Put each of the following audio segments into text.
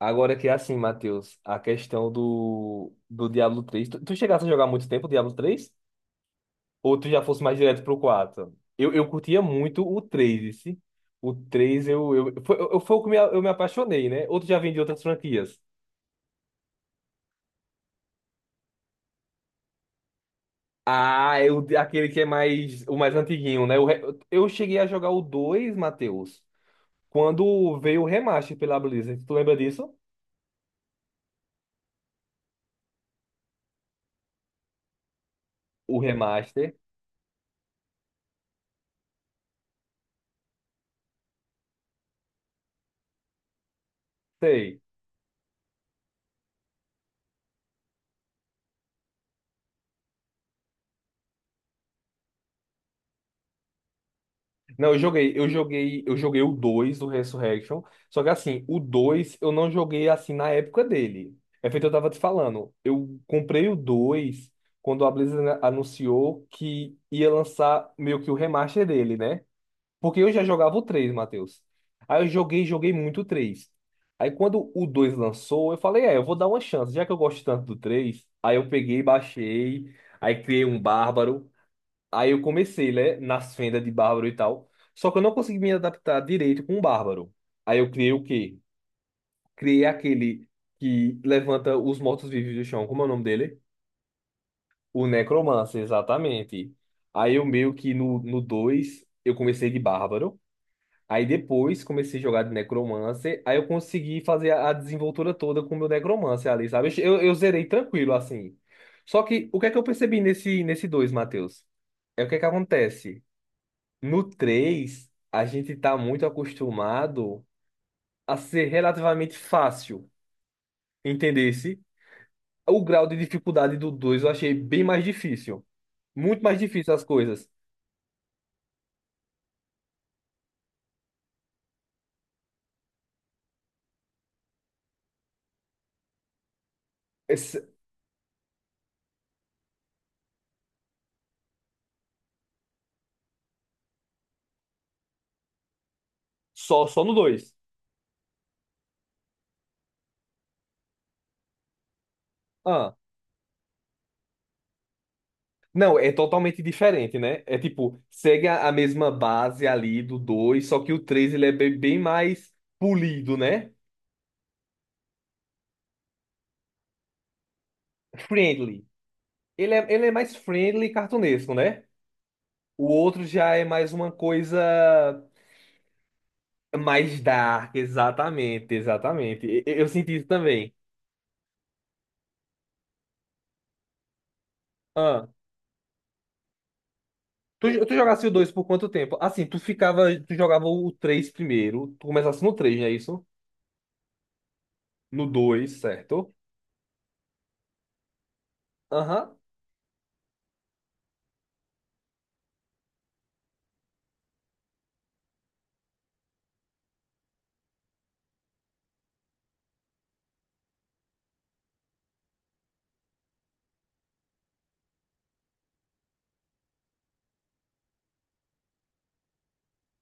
Agora que é assim, Matheus, a questão do Diablo três. Tu chegasse a jogar muito tempo o Diablo três? Ou tu já fosse mais direto pro 4? Eu curtia muito o 3, esse. O 3 foi o que me apaixonei, né? Outro já vem de outras franquias. Ah, é o, aquele que é mais, o mais antiguinho, né? Eu cheguei a jogar o 2, Matheus, quando veio o remaster pela Blizzard. Tu lembra disso? O remaster. Sei. Não, eu joguei o 2 do Resurrection, só que assim, o 2 eu não joguei assim na época dele. É feito eu tava te falando. Eu comprei o 2 quando a Blizzard anunciou que ia lançar meio que o remaster dele, né? Porque eu já jogava o 3, Matheus. Aí eu joguei, joguei muito o três. Aí quando o 2 lançou, eu falei, é, eu vou dar uma chance, já que eu gosto tanto do três. Aí eu peguei, baixei, aí criei um bárbaro. Aí eu comecei, né, nas fendas de Bárbaro e tal. Só que eu não consegui me adaptar direito com o Bárbaro. Aí eu criei o quê? Criei aquele que levanta os mortos-vivos do chão. Como é o nome dele? O Necromancer, exatamente. Aí eu meio que no 2 eu comecei de Bárbaro. Aí depois comecei a jogar de Necromancer. Aí eu consegui fazer a desenvoltura toda com o meu Necromancer ali, sabe? Eu zerei tranquilo, assim. Só que o que é que eu percebi nesse dois, Matheus? É o que é que acontece? No 3 a gente tá muito acostumado a ser relativamente fácil, entendesse? O grau de dificuldade do 2 eu achei bem mais difícil. Muito mais difícil as coisas. Esse- só no dois. Ah, não, é totalmente diferente, né? É tipo, segue a mesma base ali do dois, só que o 3 ele é bem, bem mais polido, né? Friendly. Ele é mais friendly e cartunesco, né? O outro já é mais uma coisa. Mais dark, exatamente, exatamente. Eu senti isso também. Ah, tu jogasse o 2 por quanto tempo? Assim, tu ficava, tu jogava o 3 primeiro, tu começasse no três, não é isso? No dois, certo? Aham.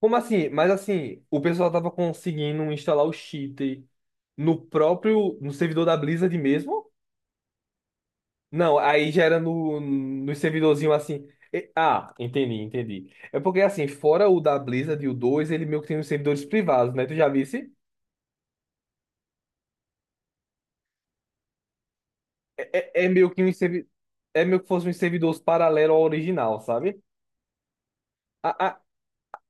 Como assim? Mas assim, o pessoal tava conseguindo instalar o cheat no próprio, no servidor da Blizzard mesmo? Não, aí já era no servidorzinho assim. Ah, entendi. É porque assim, fora o da Blizzard, e o 2 ele meio que tem os servidores privados, né? Tu já viu? É, é meio que um é meio que fosse um servidor paralelo ao original, sabe? A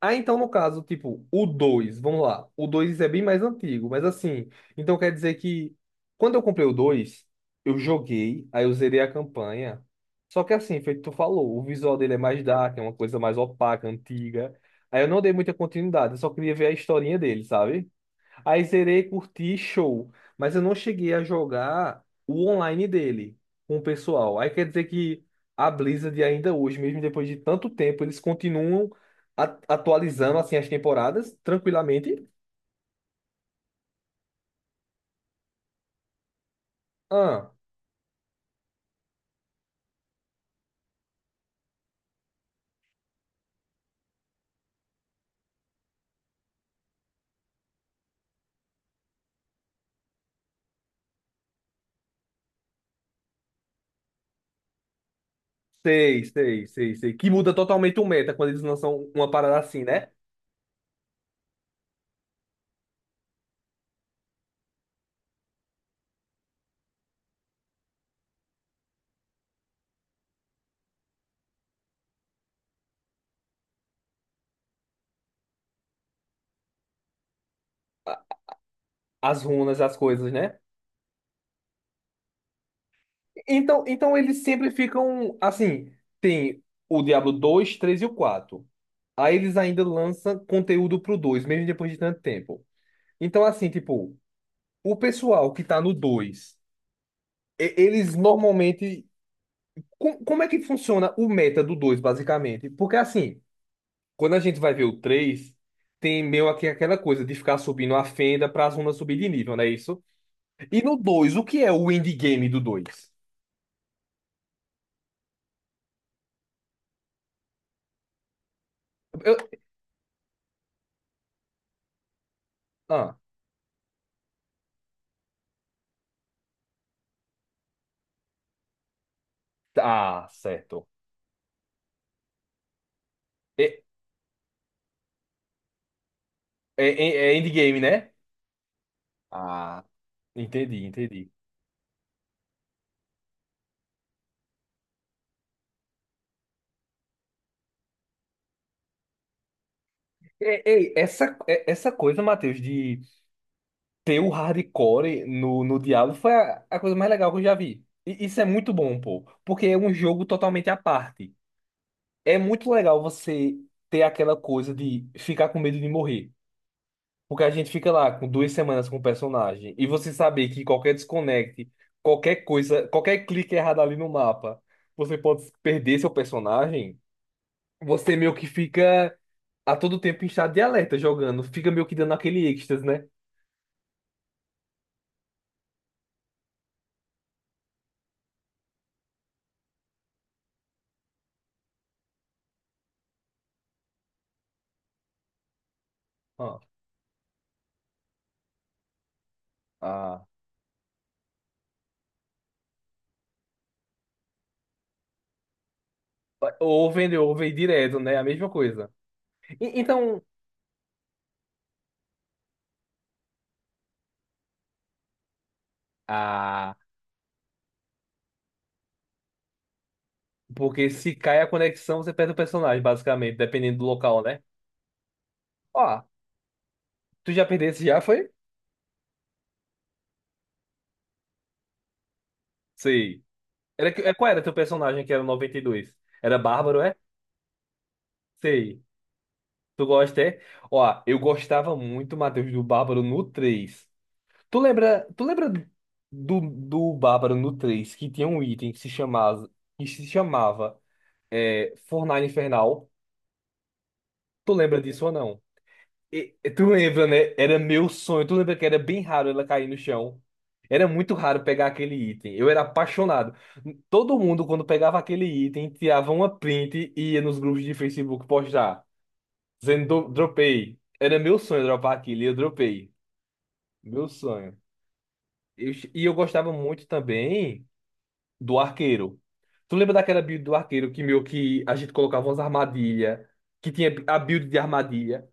Ah, então no caso, tipo, o dois, vamos lá. O 2 é bem mais antigo, mas assim, então quer dizer que, quando eu comprei o dois, eu joguei, aí eu zerei a campanha. Só que assim, feito tu falou, o visual dele é mais dark, é uma coisa mais opaca, antiga. Aí eu não dei muita continuidade, eu só queria ver a historinha dele, sabe? Aí zerei, curti, show. Mas eu não cheguei a jogar o online dele com o pessoal. Aí quer dizer que a Blizzard ainda hoje, mesmo depois de tanto tempo, eles continuam atualizando assim as temporadas tranquilamente. Ah, sei. Que muda totalmente o meta quando eles lançam uma parada assim, né? A- As runas, as coisas, né? Então eles sempre ficam assim, tem o Diablo dois, 3 e o 4. Aí eles ainda lançam conteúdo pro 2, mesmo depois de tanto tempo. Então, assim, tipo, o pessoal que tá no 2, eles normalmente. Como é que funciona o meta do 2, basicamente? Porque, assim, quando a gente vai ver o 3, tem meio aqui aquela coisa de ficar subindo a fenda pra zona subir de nível, não é isso? E no dois, o que é o endgame do 2? Eu- Ah, tá, certo. É, é é endgame, né? Ah, entendi. Ei, essa coisa, Matheus, de ter o hardcore no diabo foi a coisa mais legal que eu já vi. E isso é muito bom, pô, porque é um jogo totalmente à parte. É muito legal você ter aquela coisa de ficar com medo de morrer. Porque a gente fica lá com duas semanas com o personagem e você saber que qualquer desconecte, qualquer coisa, qualquer clique errado ali no mapa, você pode perder seu personagem. Você meio que fica a todo tempo em estado de alerta jogando, fica meio que dando aquele êxtase, né? Ó, ah, ou vender ou vem direto, né? A mesma coisa. Então, ah, porque se cai a conexão, você perde o personagem, basicamente, dependendo do local, né? Ó, tu já perdesse já, foi? Sei. Era, qual era teu personagem que era o 92? Era Bárbaro, é? Sei. Tu gosta, é? Ó, eu gostava muito, Matheus, do Bárbaro no três. Tu lembra do Bárbaro no três, que tinha um item que se chamava, que se chamava é, Fornalha Infernal? Tu lembra disso ou não? Tu lembra, né? Era meu sonho. Tu lembra que era bem raro ela cair no chão? Era muito raro pegar aquele item. Eu era apaixonado. Todo mundo, quando pegava aquele item, tirava uma print e ia nos grupos de Facebook postar. Dizendo, dropei. Era meu sonho dropar aquilo e eu dropei. Meu sonho." Eu ch- e Eu gostava muito também do arqueiro. Tu lembra daquela build do arqueiro que, meu, que a gente colocava umas armadilhas? Que tinha a build de armadilha?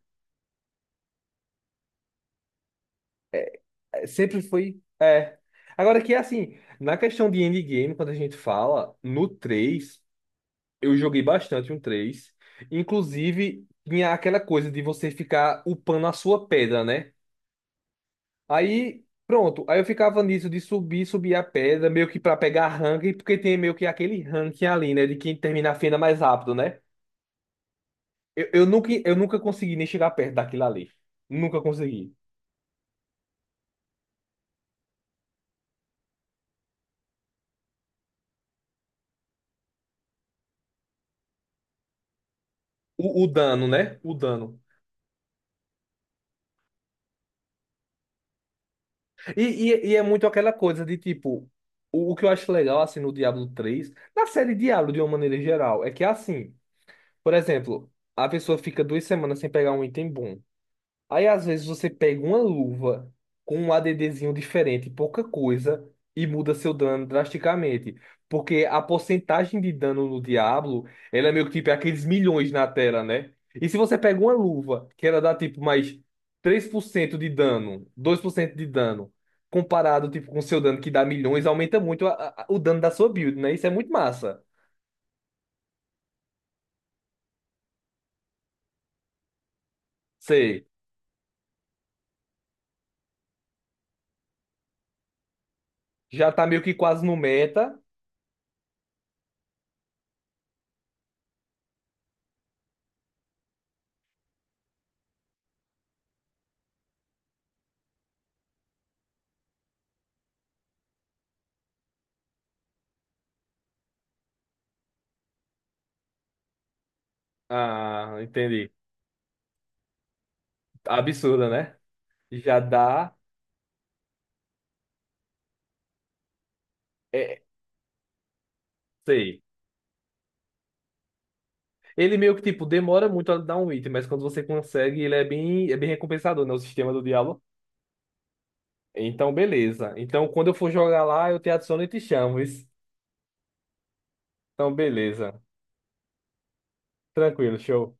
Sempre foi. É. Agora que é assim, na questão de endgame, quando a gente fala, no 3 eu joguei bastante um três. Inclusive, tinha aquela coisa de você ficar upando a sua pedra, né? Aí, pronto. Aí eu ficava nisso de subir, subir a pedra, meio que pra pegar ranking, porque tem meio que aquele ranking ali, né? De quem termina a fenda mais rápido, né? Eu nunca, eu, nunca consegui nem chegar perto daquilo ali. Nunca consegui. O dano, né? O dano. E é muito aquela coisa de tipo, o que eu acho legal assim no Diablo três, na série Diablo de uma maneira geral, é que é assim, por exemplo, a pessoa fica duas semanas sem pegar um item bom. Aí às vezes você pega uma luva com um ADDzinho diferente, pouca coisa, e muda seu dano drasticamente. Porque a porcentagem de dano no Diablo, ela é meio que tipo é aqueles milhões na tela, né? E se você pega uma luva que ela dá tipo mais 3% de dano, 2% de dano, comparado tipo com seu dano que dá milhões, aumenta muito o dano da sua build, né? Isso é muito massa. Sei, já tá meio que quase no meta. Ah, entendi. Absurda, já dá. É, sei. Ele meio que, tipo, demora muito a dar um item, mas quando você consegue, ele é bem recompensador, né? O sistema do Diablo. Então, beleza. Então, quando eu for jogar lá, eu te adiciono e te chamo. Isso. Então, beleza. Tranquilo, show.